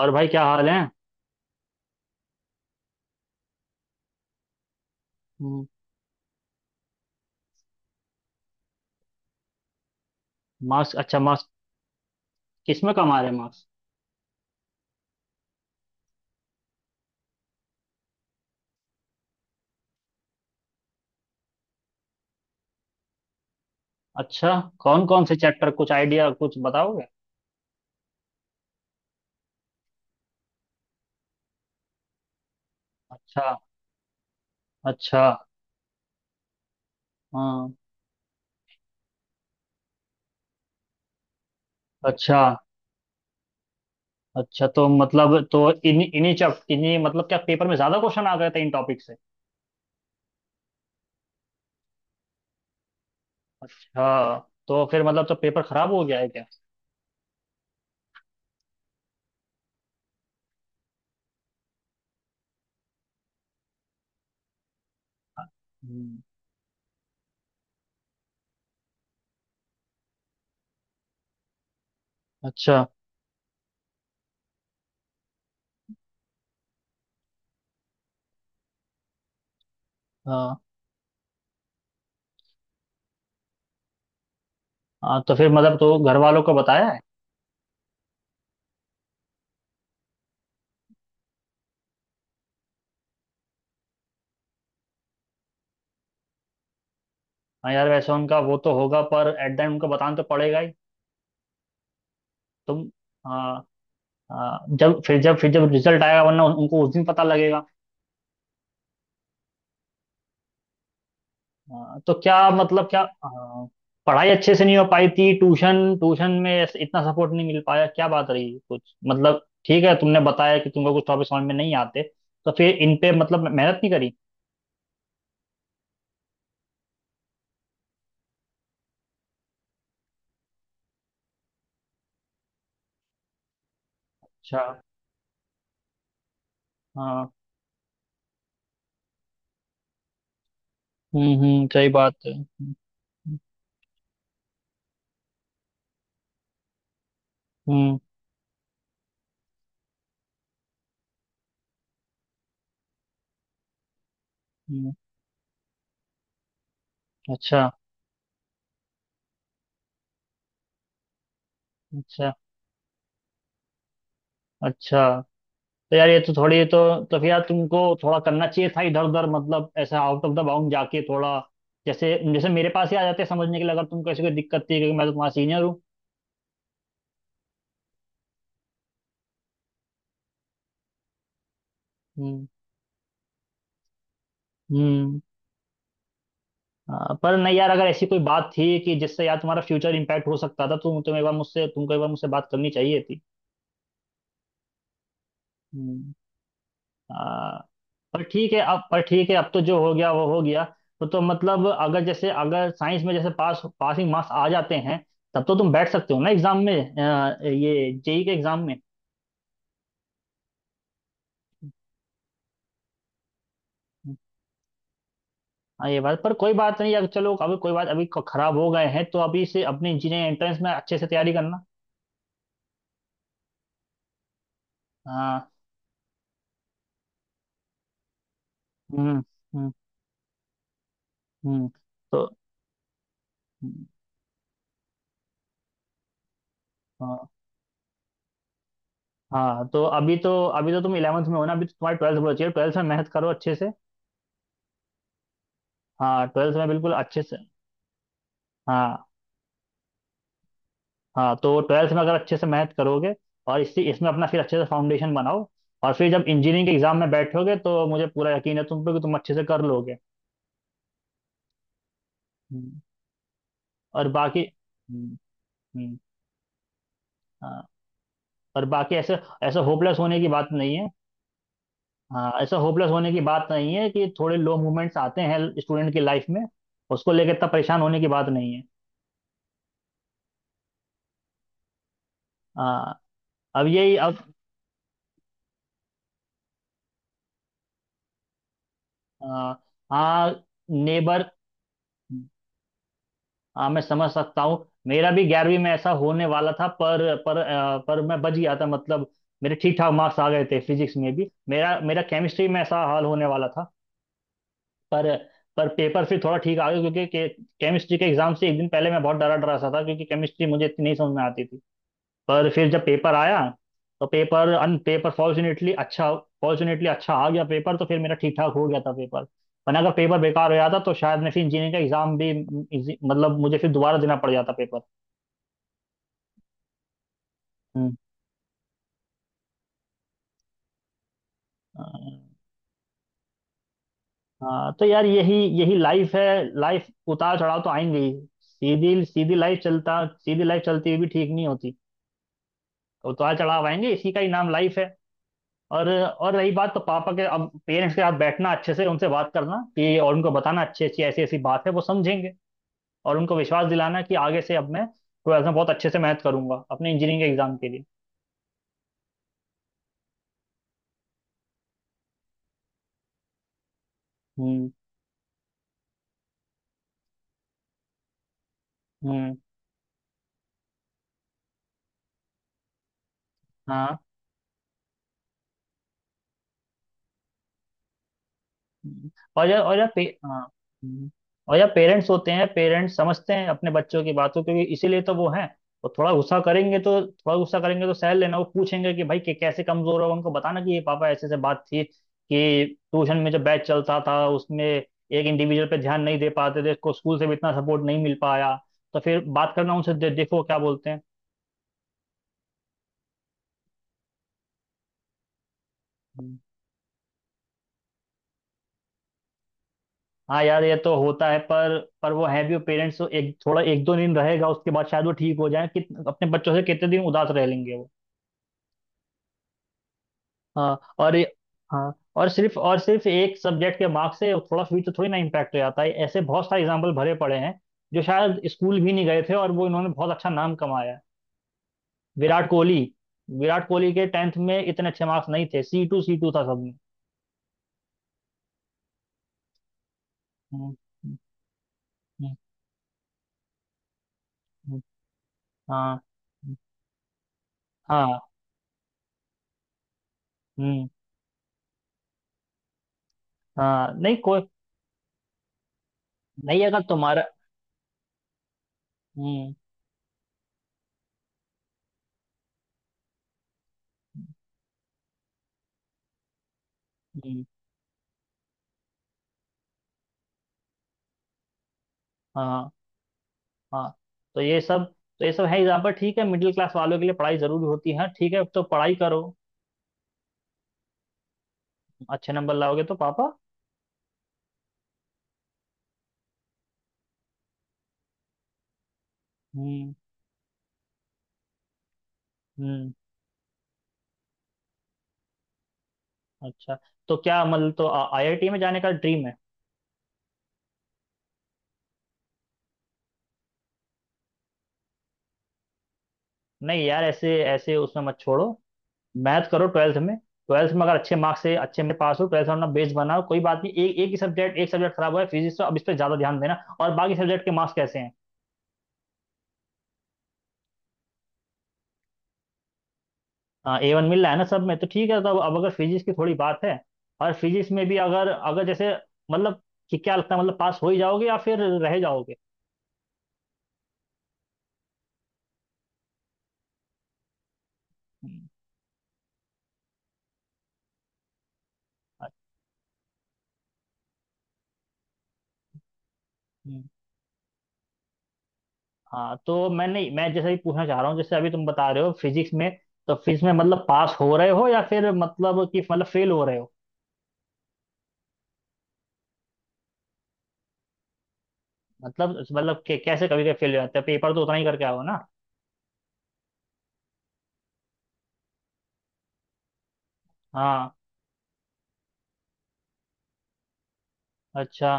और भाई क्या हाल है। मार्क्स? अच्छा, मार्क्स। किस में कम आ रहे मार्क्स? अच्छा। कौन कौन से चैप्टर, कुछ आइडिया, कुछ बताओगे? अच्छा। अच्छा। हाँ। अच्छा। अच्छा, तो मतलब तो इन्हीं इन्हीं चैप्ट इन्हीं मतलब, क्या पेपर में ज्यादा क्वेश्चन आ गए थे इन टॉपिक से? हाँ, तो फिर मतलब तो पेपर खराब हो गया है क्या? हम्म। अच्छा। हाँ। हाँ, तो फिर मतलब तो घर वालों को बताया है? हाँ यार, वैसे उनका वो तो होगा, पर एट द एंड उनको बताना तो पड़ेगा ही। तुम हाँ। जब रिजल्ट आएगा, वरना उनको उस दिन पता लगेगा। तो क्या मतलब, क्या पढ़ाई अच्छे से नहीं हो पाई थी, ट्यूशन ट्यूशन में इतना सपोर्ट नहीं मिल पाया, क्या बात रही कुछ मतलब। ठीक है, तुमने बताया कि तुमको कुछ टॉपिक समझ में नहीं आते, तो फिर इन पे मतलब मेहनत नहीं करी? अच्छा। हाँ। हम्म। हम्म, सही बात है। हम्म। हम्म। हम्म। अच्छा। अच्छा। अच्छा। तो यार ये तो थोड़ी तो। तो फिर यार तुमको थोड़ा करना चाहिए था इधर उधर, मतलब ऐसा आउट ऑफ द बाउंड जाके थोड़ा। जैसे जैसे मेरे पास ही आ जाते समझने के लिए, अगर तुमको ऐसी कोई दिक्कत थी, क्योंकि मैं तो तुम्हारा सीनियर हूँ। हम्म। हम्म। हाँ, पर नहीं यार, अगर ऐसी कोई बात थी कि जिससे यार तुम्हारा फ्यूचर इम्पैक्ट हो सकता था, तो तुमको एक बार मुझसे बात करनी चाहिए थी। हम्म। पर ठीक है अब तो जो हो गया वो हो गया। तो मतलब, अगर जैसे, अगर साइंस में जैसे पासिंग मार्क्स आ जाते हैं, तब तो तुम बैठ सकते हो ना एग्जाम में, ये JEE के एग्जाम में। हाँ ये बात, पर कोई बात नहीं, अगर चलो अभी कोई बात, अभी खराब हो गए हैं, तो अभी से अपने इंजीनियरिंग एंट्रेंस में अच्छे से तैयारी करना। हाँ। हम्म। हम्म। हम्म। तो हाँ। हाँ, तो, अभी तो तुम 11th में हो ना, अभी तो तुम्हारी 12th बची है, 12th में मेहनत करो अच्छे से। हाँ, 12th में बिल्कुल अच्छे से। हाँ। हाँ तो 12th में अगर अच्छे से मेहनत करोगे, और इसी इसमें अपना फिर अच्छे से फाउंडेशन बनाओ, और फिर जब इंजीनियरिंग के एग्जाम में बैठोगे, तो मुझे पूरा यकीन है तुम पे, कि तुम अच्छे से कर लोगे। हम्म। और बाकी। हम्म। हम्म। हाँ, और बाकी ऐसे, ऐसे होपलेस होने की बात नहीं है। हाँ, ऐसा होपलेस होने की बात नहीं है कि, थोड़े लो मोमेंट्स आते हैं स्टूडेंट की लाइफ में। उसको लेकर इतना परेशान होने की बात नहीं है। हाँ। अब यही अब आ, हाँ। नेबर। हाँ, मैं समझ सकता हूँ, मेरा भी 11वीं में ऐसा होने वाला था, पर पर मैं बच गया था मतलब। मेरे ठीक ठाक मार्क्स आ गए थे फिजिक्स में भी, मेरा मेरा केमिस्ट्री में ऐसा हाल होने वाला था। पर पर पेपर फिर थोड़ा ठीक आ गया, क्योंकि केमिस्ट्री के एग्जाम से एक दिन पहले मैं बहुत डरा डरा सा था, क्योंकि केमिस्ट्री मुझे इतनी नहीं समझ में आती थी। पर फिर जब पेपर आया, तो पेपर फॉर्चुनेटली अच्छा आ गया पेपर, तो फिर मेरा ठीक ठाक हो गया था पेपर। वरना अगर पेपर बेकार हो जाता, तो शायद मैं फिर इंजीनियरिंग का एग्जाम भी मतलब मुझे फिर दोबारा देना पड़ जाता पेपर। हम्म। अ, हाँ तो यार, यही यही लाइफ है। लाइफ, उतार चढ़ाव तो आएंगे ही। सीधी सीधी लाइफ चलता सीधी लाइफ चलती हुई भी ठीक नहीं होती। उतार चढ़ाव आएंगे, इसी का ही नाम लाइफ है। और रही बात तो, पापा के अब पेरेंट्स के साथ बैठना अच्छे से, उनसे बात करना कि, और उनको बताना अच्छी अच्छी, ऐसी ऐसी बात है, वो समझेंगे। और उनको विश्वास दिलाना कि, आगे से अब मैं 12th में बहुत अच्छे से मेहनत करूंगा अपने इंजीनियरिंग के एग्जाम के लिए। हम्म। हम्म। हाँ। हम्म। और यार पे, हाँ। हम्म। और यार, पेरेंट्स होते हैं, पेरेंट्स समझते हैं अपने बच्चों की बात को, क्योंकि इसीलिए तो वो हैं। वो थोड़ा गुस्सा करेंगे, तो थोड़ा गुस्सा करेंगे, तो सह लेना। वो पूछेंगे कि भाई, कि कैसे कमजोर हो, उनको बताना कि, ये पापा, ऐसे ऐसे बात थी कि, ट्यूशन में जब बैच चलता था, उसमें एक इंडिविजुअल पे ध्यान नहीं दे पाते थे, इसको स्कूल से भी इतना सपोर्ट नहीं मिल पाया। तो फिर बात करना उनसे, देखो क्या बोलते हैं। हाँ यार, ये तो होता है, पर वो है भी, वो पेरेंट्स, एक थोड़ा एक दो दिन रहेगा, उसके बाद शायद वो ठीक हो जाए कि, अपने बच्चों से कितने दिन उदास रह लेंगे वो। हाँ। हाँ। और सिर्फ एक सब्जेक्ट के मार्क्स से थोड़ा फ्यूचर थोड़ी ना इम्पैक्ट हो जाता है, ऐसे बहुत सारे एग्जाम्पल भरे पड़े हैं, जो शायद स्कूल भी नहीं गए थे और वो, इन्होंने बहुत अच्छा नाम कमाया है। विराट कोहली। विराट कोहली के 10th में इतने अच्छे मार्क्स नहीं थे, C2, C2 था सब में। हम्म। हम्म। हम्म। हम्म। हाँ। हम्म। हाँ। हम्म। हाँ। नहीं कोई। नहीं, अगर तुम्हारा। हम्म। हम्म। हाँ। हाँ तो ये सब, तो ये सब है एग्जाम्पल, ठीक है, मिडिल क्लास वालों के लिए पढ़ाई जरूरी होती है, ठीक है, तो पढ़ाई करो। अच्छे नंबर लाओगे तो पापा। हम्म। हम्म। अच्छा, तो क्या मतलब, तो IIT में जाने का ड्रीम है? नहीं यार, ऐसे ऐसे उसमें मत छोड़ो, मैथ करो 12th में, 12th में अगर अच्छे मार्क्स से अच्छे में पास हो, 12th में अपना बेस बनाओ, कोई बात नहीं, एक एक ही सब्जेक्ट, एक सब्जेक्ट खराब हुआ है फिजिक्स, तो अब इस पर ज्यादा ध्यान देना। और बाकी सब्जेक्ट के मार्क्स कैसे हैं? हाँ, A1 मिल रहा है ना सब में, तो ठीक है, तो अब अगर फिजिक्स की थोड़ी बात है, और फिजिक्स में भी अगर अगर जैसे मतलब कि क्या लगता है, मतलब पास हो ही जाओगे या फिर रह जाओगे? हम्म। अच्छा। हम्म। हाँ, तो मैंने, मैं जैसे ही पूछना चाह रहा हूँ, जैसे अभी तुम बता रहे हो फिजिक्स में, तो फिजिक्स में मतलब पास हो रहे हो, या फिर मतलब कि मतलब फेल हो रहे हो? मतलब कि, कैसे कभी कभी फेल हो जाते हैं पेपर तो, उतना ही करके आओ ना। हाँ। अच्छा।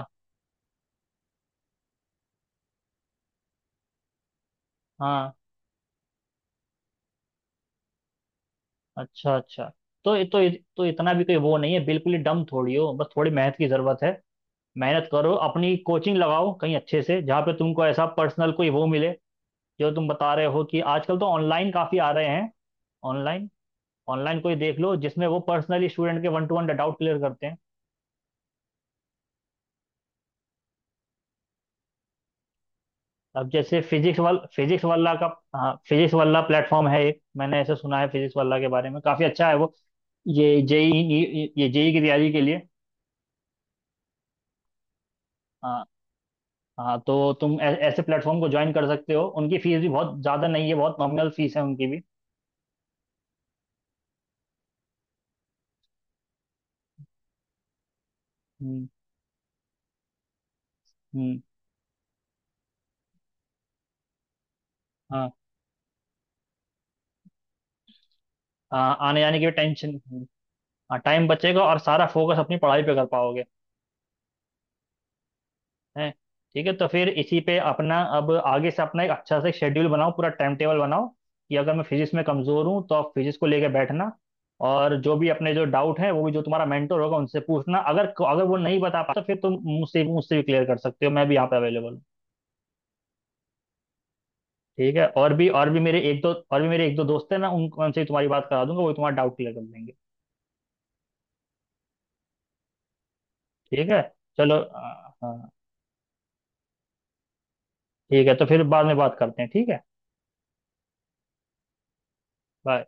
हाँ। अच्छा। अच्छा। तो तो इतना भी कोई वो नहीं है, बिल्कुल ही डम थोड़ी हो, बस थोड़ी मेहनत की जरूरत है। मेहनत करो, अपनी कोचिंग लगाओ कहीं अच्छे से, जहाँ पे तुमको ऐसा पर्सनल कोई वो मिले, जो तुम बता रहे हो कि आजकल तो ऑनलाइन काफ़ी आ रहे हैं। ऑनलाइन। ऑनलाइन कोई देख लो जिसमें वो पर्सनली स्टूडेंट के one two one doubt clear करते हैं। अब जैसे फिजिक्स वाला का। हाँ, फिजिक्स वाला प्लेटफॉर्म है एक, मैंने ऐसे सुना है फिजिक्स वाला के बारे में, काफ़ी अच्छा है वो। ये जेई। ये जेई की तैयारी के लिए। हाँ। हाँ तो तुम ऐसे प्लेटफॉर्म को ज्वाइन कर सकते हो, उनकी फीस भी बहुत ज़्यादा नहीं है, बहुत नॉमिनल फीस है उनकी भी। हम्म। हम्म। हाँ। हाँ, आने जाने की भी टेंशन। हाँ, टाइम बचेगा और सारा फोकस अपनी पढ़ाई पे कर पाओगे। हैं। ठीक है, तो फिर इसी पे अपना अब आगे से अपना एक अच्छा से शेड्यूल बनाओ, पूरा टाइम टेबल बनाओ, कि अगर मैं फिजिक्स में कमज़ोर हूँ तो आप फिजिक्स को लेके बैठना, और जो भी अपने जो डाउट है वो भी, जो तुम्हारा मेंटर होगा उनसे पूछना, अगर अगर वो नहीं बता पाता तो फिर तुम मुझसे मुझसे भी क्लियर कर सकते हो, मैं भी यहाँ पे अवेलेबल हूँ। ठीक है, और भी मेरे एक दो दोस्त हैं ना, उन उनसे भी तुम्हारी बात करा दूंगा, वो भी तुम्हारा डाउट क्लियर कर देंगे। ठीक है, चलो, हाँ। ठीक है, तो फिर बाद में बात करते हैं, ठीक है। बाय।